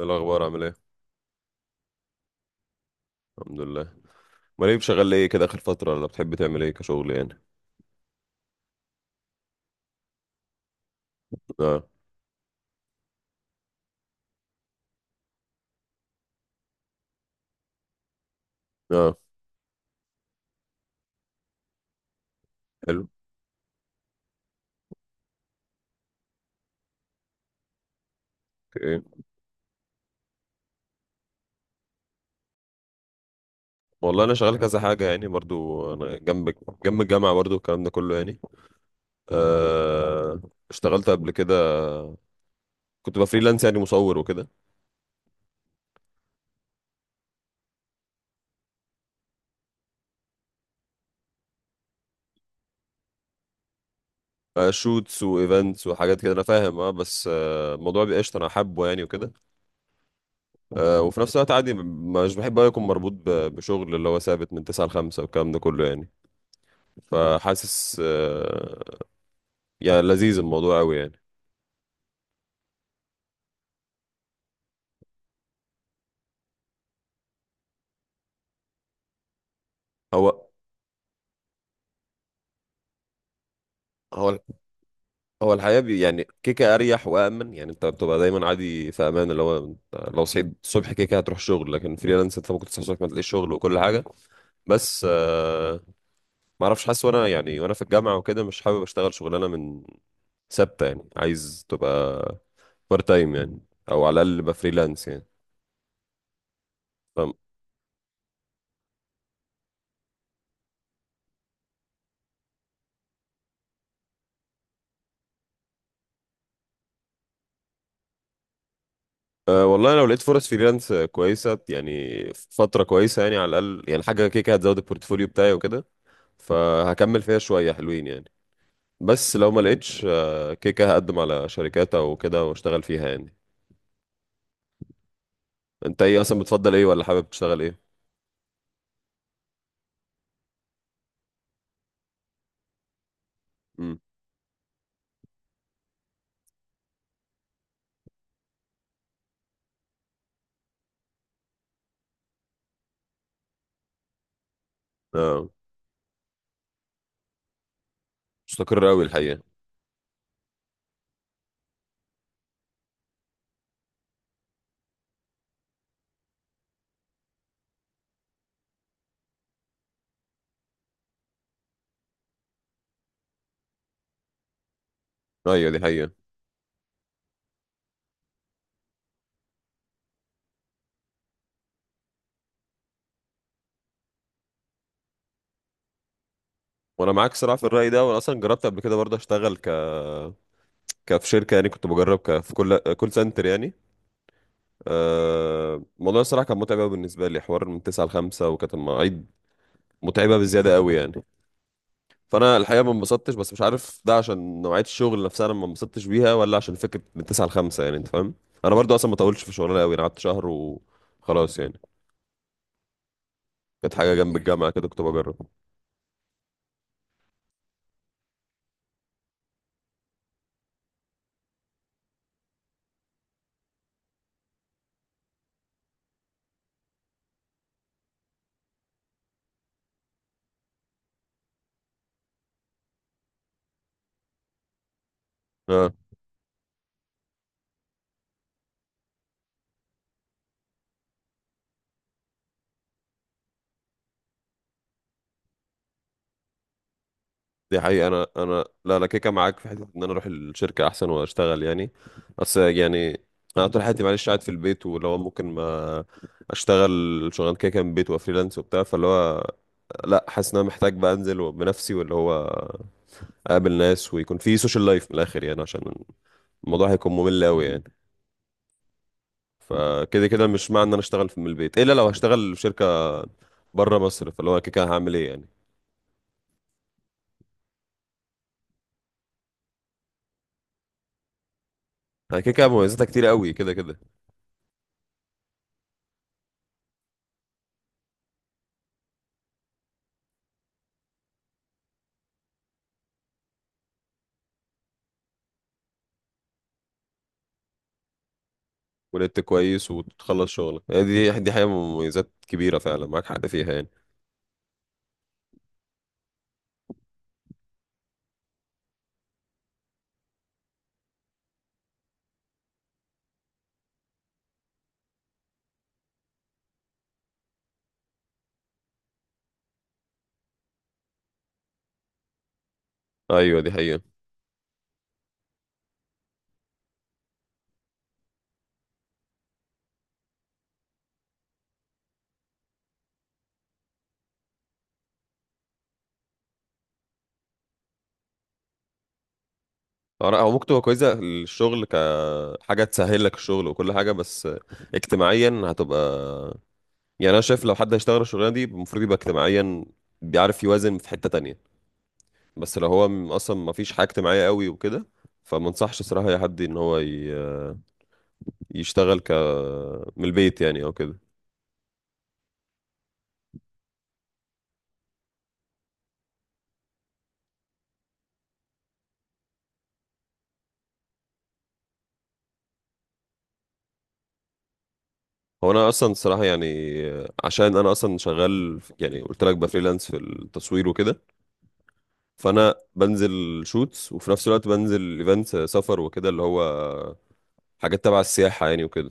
إيه الاخبار عامل ايه؟ الحمد لله. امال ايه، شغال ايه كده اخر فتره، ولا بتحب تعمل ايه كشغل يعني؟ اه. اه حلو. اوكي. والله انا شغال كذا حاجه يعني، برضو انا جنب الجامعه، برضو الكلام ده كله يعني. آه، اشتغلت قبل كده، كنت بفريلانس يعني مصور وكده. آه شوتس وايفنتس وحاجات كده، انا فاهم. اه بس الموضوع بيبقى قشطه، انا حابه يعني وكده. آه، وفي نفس الوقت عادي، مش بحب أوي اكون مربوط بشغل اللي هو ثابت من 9 ل 5 والكلام ده كله يعني. فحاسس آه يعني لذيذ الموضوع قوي يعني. هو هو هو الحياة بي يعني كيكة، أريح وأمن يعني، أنت بتبقى دايما عادي في أمان، اللي هو أنت لو صحيت الصبح كيكة هتروح شغل. لكن فريلانس أنت ممكن تصحى الصبح ما تلاقيش شغل وكل حاجة. بس ما أعرفش، حاسس وأنا يعني وأنا في الجامعة وكده مش حابب أشتغل شغلانة من، ثابتة يعني، عايز تبقى بارت تايم يعني، أو على الأقل يبقى فريلانس يعني. فاهم. أه والله لو لقيت فرص فريلانس كويسة يعني، فترة كويسة يعني، على الأقل يعني حاجة كيكة هتزود البورتفوليو بتاعي وكده، فهكمل فيها شوية حلوين يعني. بس لو ما لقيتش، كده كده هقدم على شركات او كده واشتغل فيها يعني. انت ايه اصلا، بتفضل ايه، ولا حابب تشتغل ايه؟ امم. اه مستقر قوي الحقيقة. ايوه دي حقيقة. وانا معاك صراحة في الرأي ده، وانا اصلا جربت قبل كده برضه اشتغل ك كفي شركة يعني، كنت بجرب في كل كول سنتر يعني. الموضوع الصراحة كان متعب قوي بالنسبة لي، حوار من 9 ل 5 وكانت المواعيد متعبة بزيادة قوي يعني. فانا الحقيقه ما انبسطتش، بس مش عارف ده عشان نوعيه الشغل نفسها انا ما انبسطتش بيها، ولا عشان فكره من 9 ل 5 يعني، انت فاهم. انا برضو اصلا ما طولتش في الشغلانه قوي، انا قعدت شهر وخلاص يعني، كانت حاجه جنب الجامعه كده كنت بجرب. اه دي حقيقه. انا لا، انا كيكه معاك في حته ان انا اروح الشركه احسن واشتغل يعني. بس يعني انا طول حياتي معلش قاعد في البيت، ولو ممكن ما اشتغل شغلانه كيكه من البيت وفريلانس وبتاع، فاللي هو لا، حاسس ان انا محتاج بقى انزل بنفسي، واللي هو اقابل ناس ويكون في سوشيال لايف من الاخر يعني، عشان الموضوع هيكون ممل قوي يعني. فكده كده مش معنى ان انا اشتغل من البيت الا لو هشتغل في شركه بره مصر، فاللي هو كده كده هعمل ايه يعني. انا كده كده مميزاتها كتير قوي كده كده. ونت كويس وتخلص شغلك يعني، دي حقيقه مميزات كبيره فعلا، معاك حق فيها يعني. ايوه دي حقيقه. او ممكن تبقى كويسه الشغل كحاجه تسهل لك الشغل وكل حاجه، بس اجتماعيا هتبقى يعني. انا شايف لو حد هيشتغل الشغلانه دي المفروض يبقى اجتماعيا بيعرف يوازن في حته تانية. بس لو هو اصلا ما فيش حاجه اجتماعيه قوي وكده، فما انصحش صراحه اي حد ان هو يشتغل ك، من البيت يعني او كده. هو انا اصلا صراحه يعني، عشان انا اصلا شغال يعني قلت لك بفريلانس في التصوير وكده، فانا بنزل شوتس وفي نفس الوقت بنزل ايفنتس سفر وكده، اللي هو حاجات تبع السياحه يعني وكده.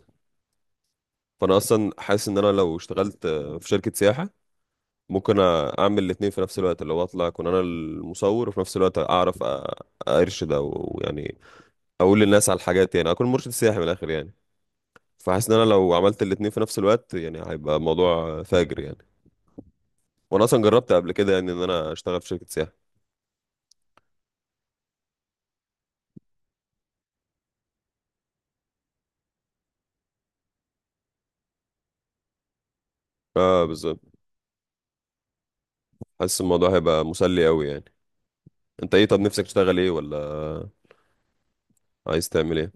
فانا اصلا حاسس ان انا لو اشتغلت في شركه سياحه ممكن اعمل الاثنين في نفس الوقت، اللي هو اطلع اكون انا المصور، وفي نفس الوقت اعرف ارشد او يعني اقول للناس على الحاجات يعني، اكون مرشد سياحي من الاخر يعني. فحاسس ان انا لو عملت الاتنين في نفس الوقت يعني هيبقى موضوع فاجر يعني. وانا اصلا جربت قبل كده يعني ان انا اشتغل في شركة سياحة. اه بالظبط، حاسس الموضوع هيبقى مسلي قوي يعني. انت ايه، طب نفسك تشتغل ايه، ولا عايز تعمل ايه؟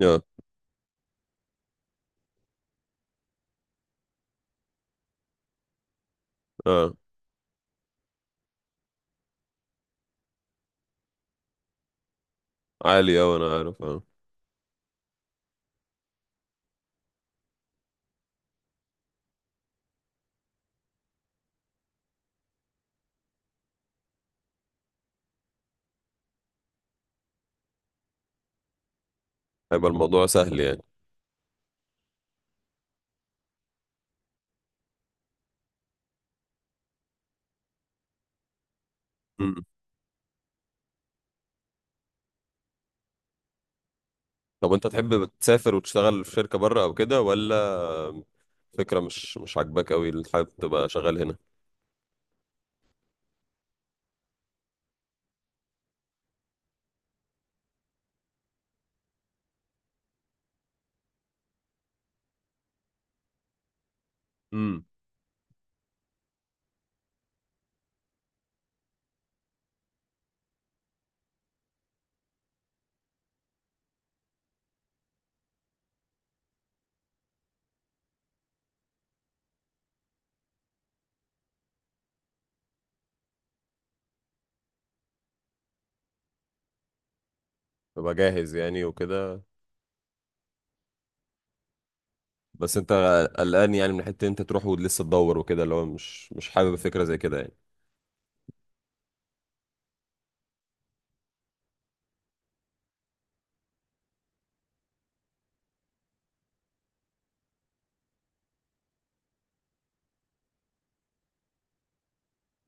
اه. اه عالي، اه انا عارف اه. هيبقى الموضوع سهل يعني. مم. طب انت تحب تسافر وتشتغل في شركة بره او كده، ولا فكرة مش مش عاجباك قوي، اللي حابب تبقى شغال هنا؟ امم. تبقى جاهز يعني وكده. بس انت قلقان يعني من حته انت تروح ولسه تدور وكده، اللي هو مش مش حابب فكره زي كده يعني.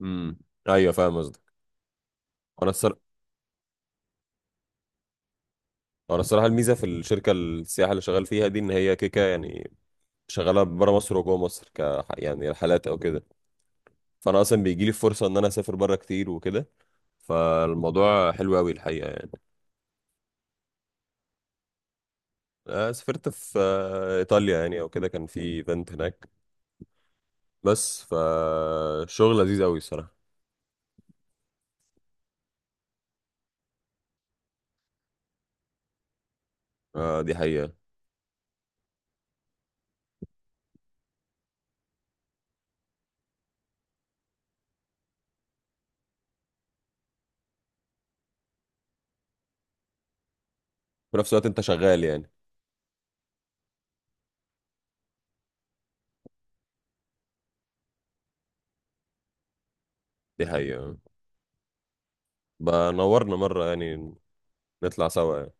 امم، ايوه فاهم قصدك. انا الصراحه، انا الصراحه الميزه في الشركه السياحه اللي شغال فيها دي ان هي كيكه يعني، شغاله بره مصر وجوه مصر ك، يعني رحلات او كده. فانا اصلا بيجي لي فرصه ان انا اسافر بره كتير وكده، فالموضوع حلو قوي الحقيقه يعني. سافرت في ايطاليا يعني او كده، كان في ايفنت هناك. بس فالشغل لذيذ قوي الصراحه. آه، دي حقيقه. في نفس الوقت انت شغال يعني. دي حقيقه. بقى نورنا مرة يعني، نطلع سوا يعني.